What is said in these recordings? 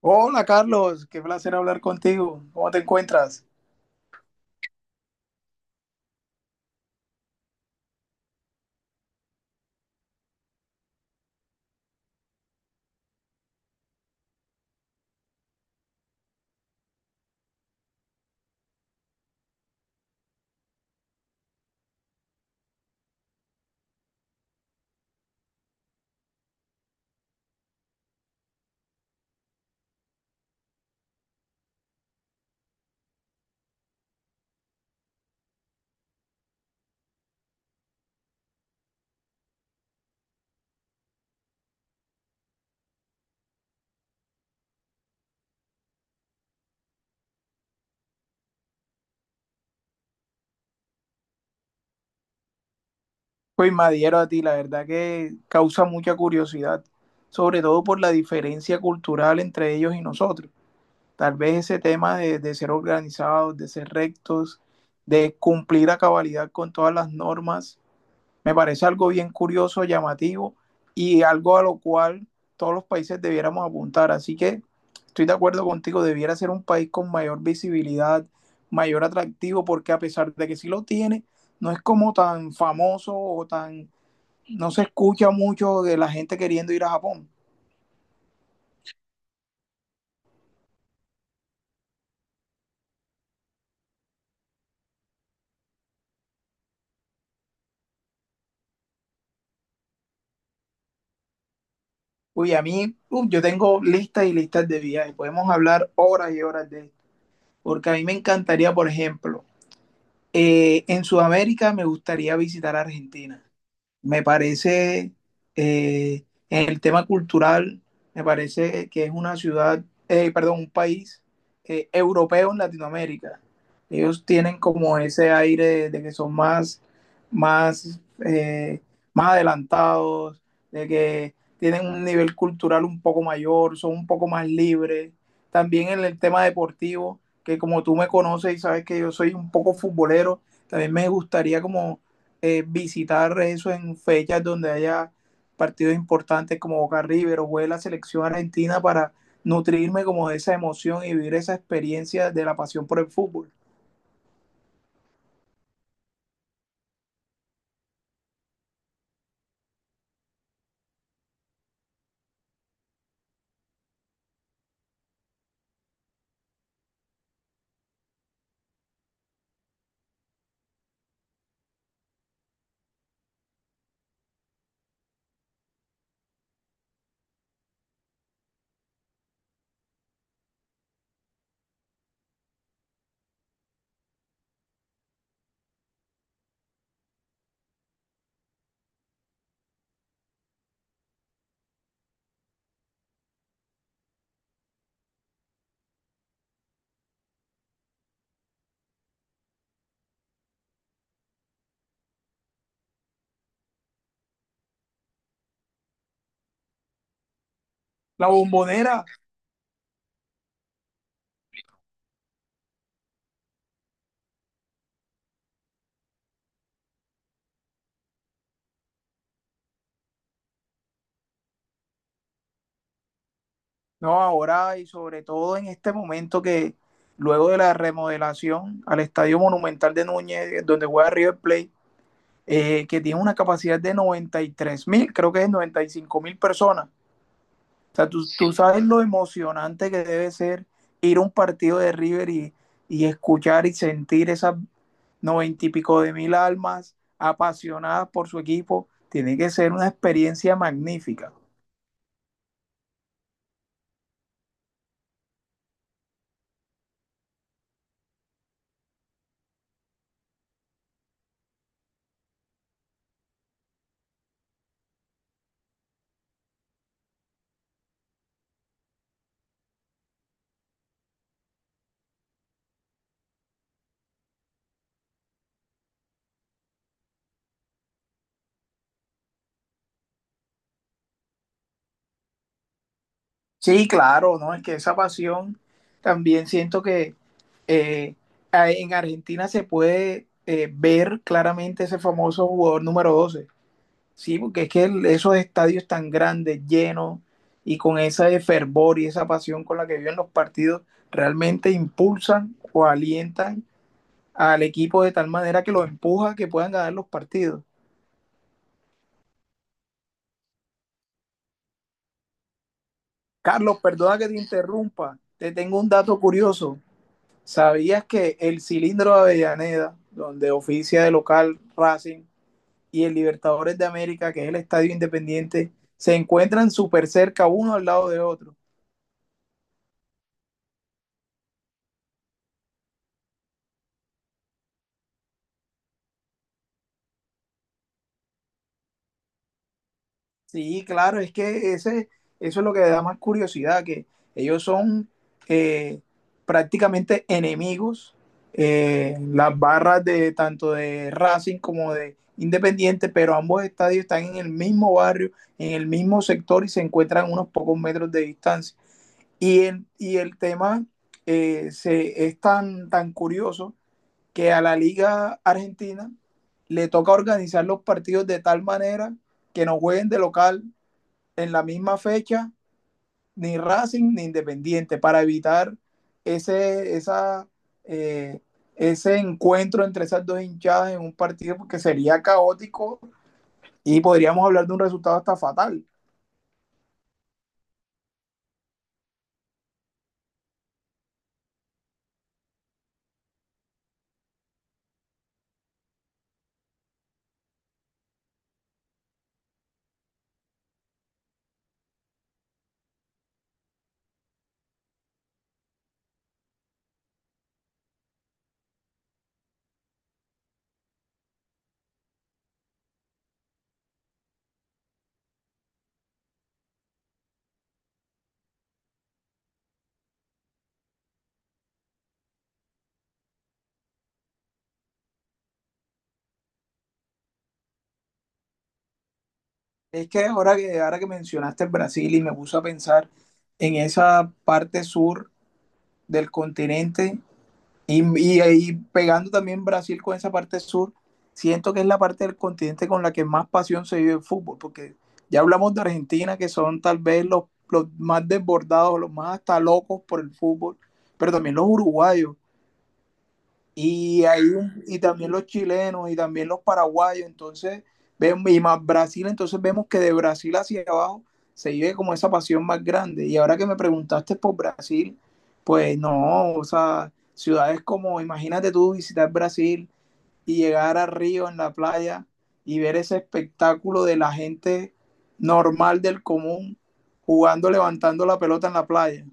Hola Carlos, qué placer hablar contigo. ¿Cómo te encuentras? Pues me adhiero a ti, la verdad que causa mucha curiosidad, sobre todo por la diferencia cultural entre ellos y nosotros. Tal vez ese tema de ser organizados, de ser rectos, de cumplir a cabalidad con todas las normas. Me parece algo bien curioso, llamativo y algo a lo cual todos los países debiéramos apuntar. Así que estoy de acuerdo contigo, debiera ser un país con mayor visibilidad, mayor atractivo, porque a pesar de que sí lo tiene, no es como tan famoso o tan, no se escucha mucho de la gente queriendo ir a Japón. Uy, a mí, uy, yo tengo listas y listas de viajes, podemos hablar horas y horas de esto, porque a mí me encantaría, por ejemplo, en Sudamérica me gustaría visitar Argentina. Me parece, eh, en el tema cultural, me parece que es una ciudad, perdón, un país europeo en Latinoamérica. Ellos tienen como ese aire de que son más, más, más adelantados, de que tienen un nivel cultural un poco mayor, son un poco más libres. También en el tema deportivo, que como tú me conoces y sabes que yo soy un poco futbolero, también me gustaría como visitar eso en fechas donde haya partidos importantes como Boca River o juegue la selección argentina para nutrirme como de esa emoción y vivir esa experiencia de la pasión por el fútbol. La bombonera. No, ahora y sobre todo en este momento que luego de la remodelación al Estadio Monumental de Núñez, donde juega River Plate, que tiene una capacidad de 93 mil, creo que es 95 mil personas. O sea, tú sabes lo emocionante que debe ser ir a un partido de River y escuchar y sentir esas noventa y pico de mil almas apasionadas por su equipo. Tiene que ser una experiencia magnífica. Sí, claro, ¿no? Es que esa pasión también siento que eh, en Argentina se puede ver claramente ese famoso jugador número 12. Sí, porque es que esos estadios tan grandes, llenos y con ese fervor y esa pasión con la que viven los partidos, realmente impulsan o alientan al equipo de tal manera que los empuja a que puedan ganar los partidos. Carlos, perdona que te interrumpa, te tengo un dato curioso. ¿Sabías que el Cilindro de Avellaneda, donde oficia de local Racing, y el Libertadores de América, que es el estadio independiente, se encuentran súper cerca uno al lado de otro? Sí, claro, es que ese, eso es lo que da más curiosidad, que ellos son eh, prácticamente enemigos, las barras de tanto de Racing como de Independiente, pero ambos estadios están en el mismo barrio, en el mismo sector y se encuentran a unos pocos metros de distancia. Y el tema es tan curioso que a la Liga Argentina le toca organizar los partidos de tal manera que no jueguen de local en la misma fecha ni Racing ni Independiente para evitar ese, esa, eh, ese encuentro entre esas dos hinchadas en un partido porque sería caótico y podríamos hablar de un resultado hasta fatal. Es que ahora que mencionaste el Brasil y me puse a pensar en esa parte sur del continente. Y ahí pegando también Brasil con esa parte sur, siento que es la parte del continente con la que más pasión se vive el fútbol, porque ya hablamos de Argentina, que son tal vez los más desbordados, los más hasta locos por el fútbol, pero también los uruguayos y, y también los chilenos y también los paraguayos, entonces, vemos, y más Brasil, entonces vemos que de Brasil hacia abajo se vive como esa pasión más grande. Y ahora que me preguntaste por Brasil, pues no, o sea, ciudades como, imagínate tú visitar Brasil y llegar a Río en la playa y ver ese espectáculo de la gente normal del común jugando, levantando la pelota en la playa.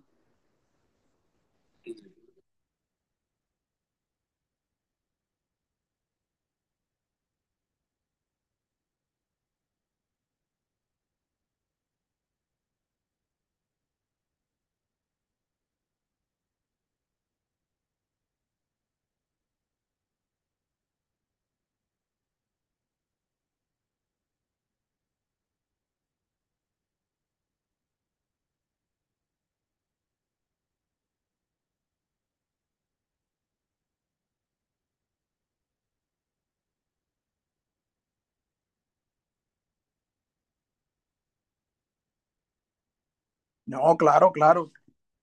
No, claro, claro.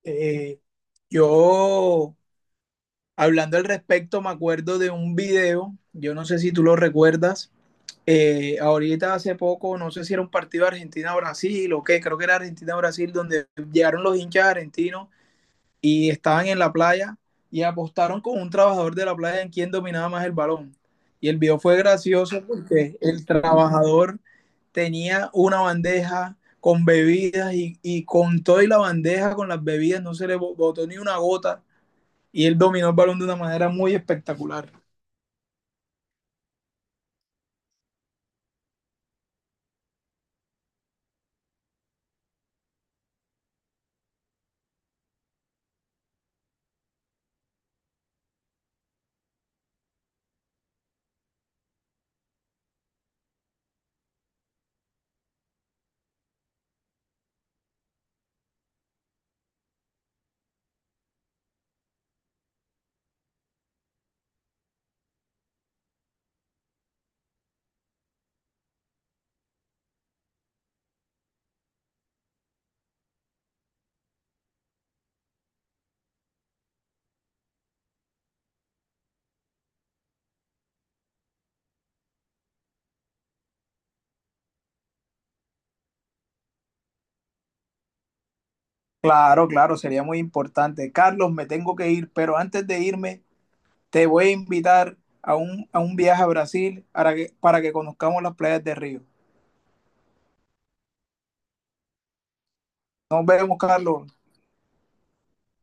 Eh, yo Hablando al respecto, me acuerdo de un video, yo no sé si tú lo recuerdas, ahorita hace poco, no sé si era un partido Argentina-Brasil o qué, creo que era Argentina-Brasil, donde llegaron los hinchas argentinos y estaban en la playa y apostaron con un trabajador de la playa en quién dominaba más el balón. Y el video fue gracioso porque el trabajador tenía una bandeja con bebidas y con todo y la bandeja con las bebidas no se le botó ni una gota y él dominó el balón de una manera muy espectacular. Claro, claro, sería muy importante. Carlos, me tengo que ir, pero antes de irme, te voy a invitar a a un viaje a Brasil para para que conozcamos las playas de Río. Nos vemos, Carlos.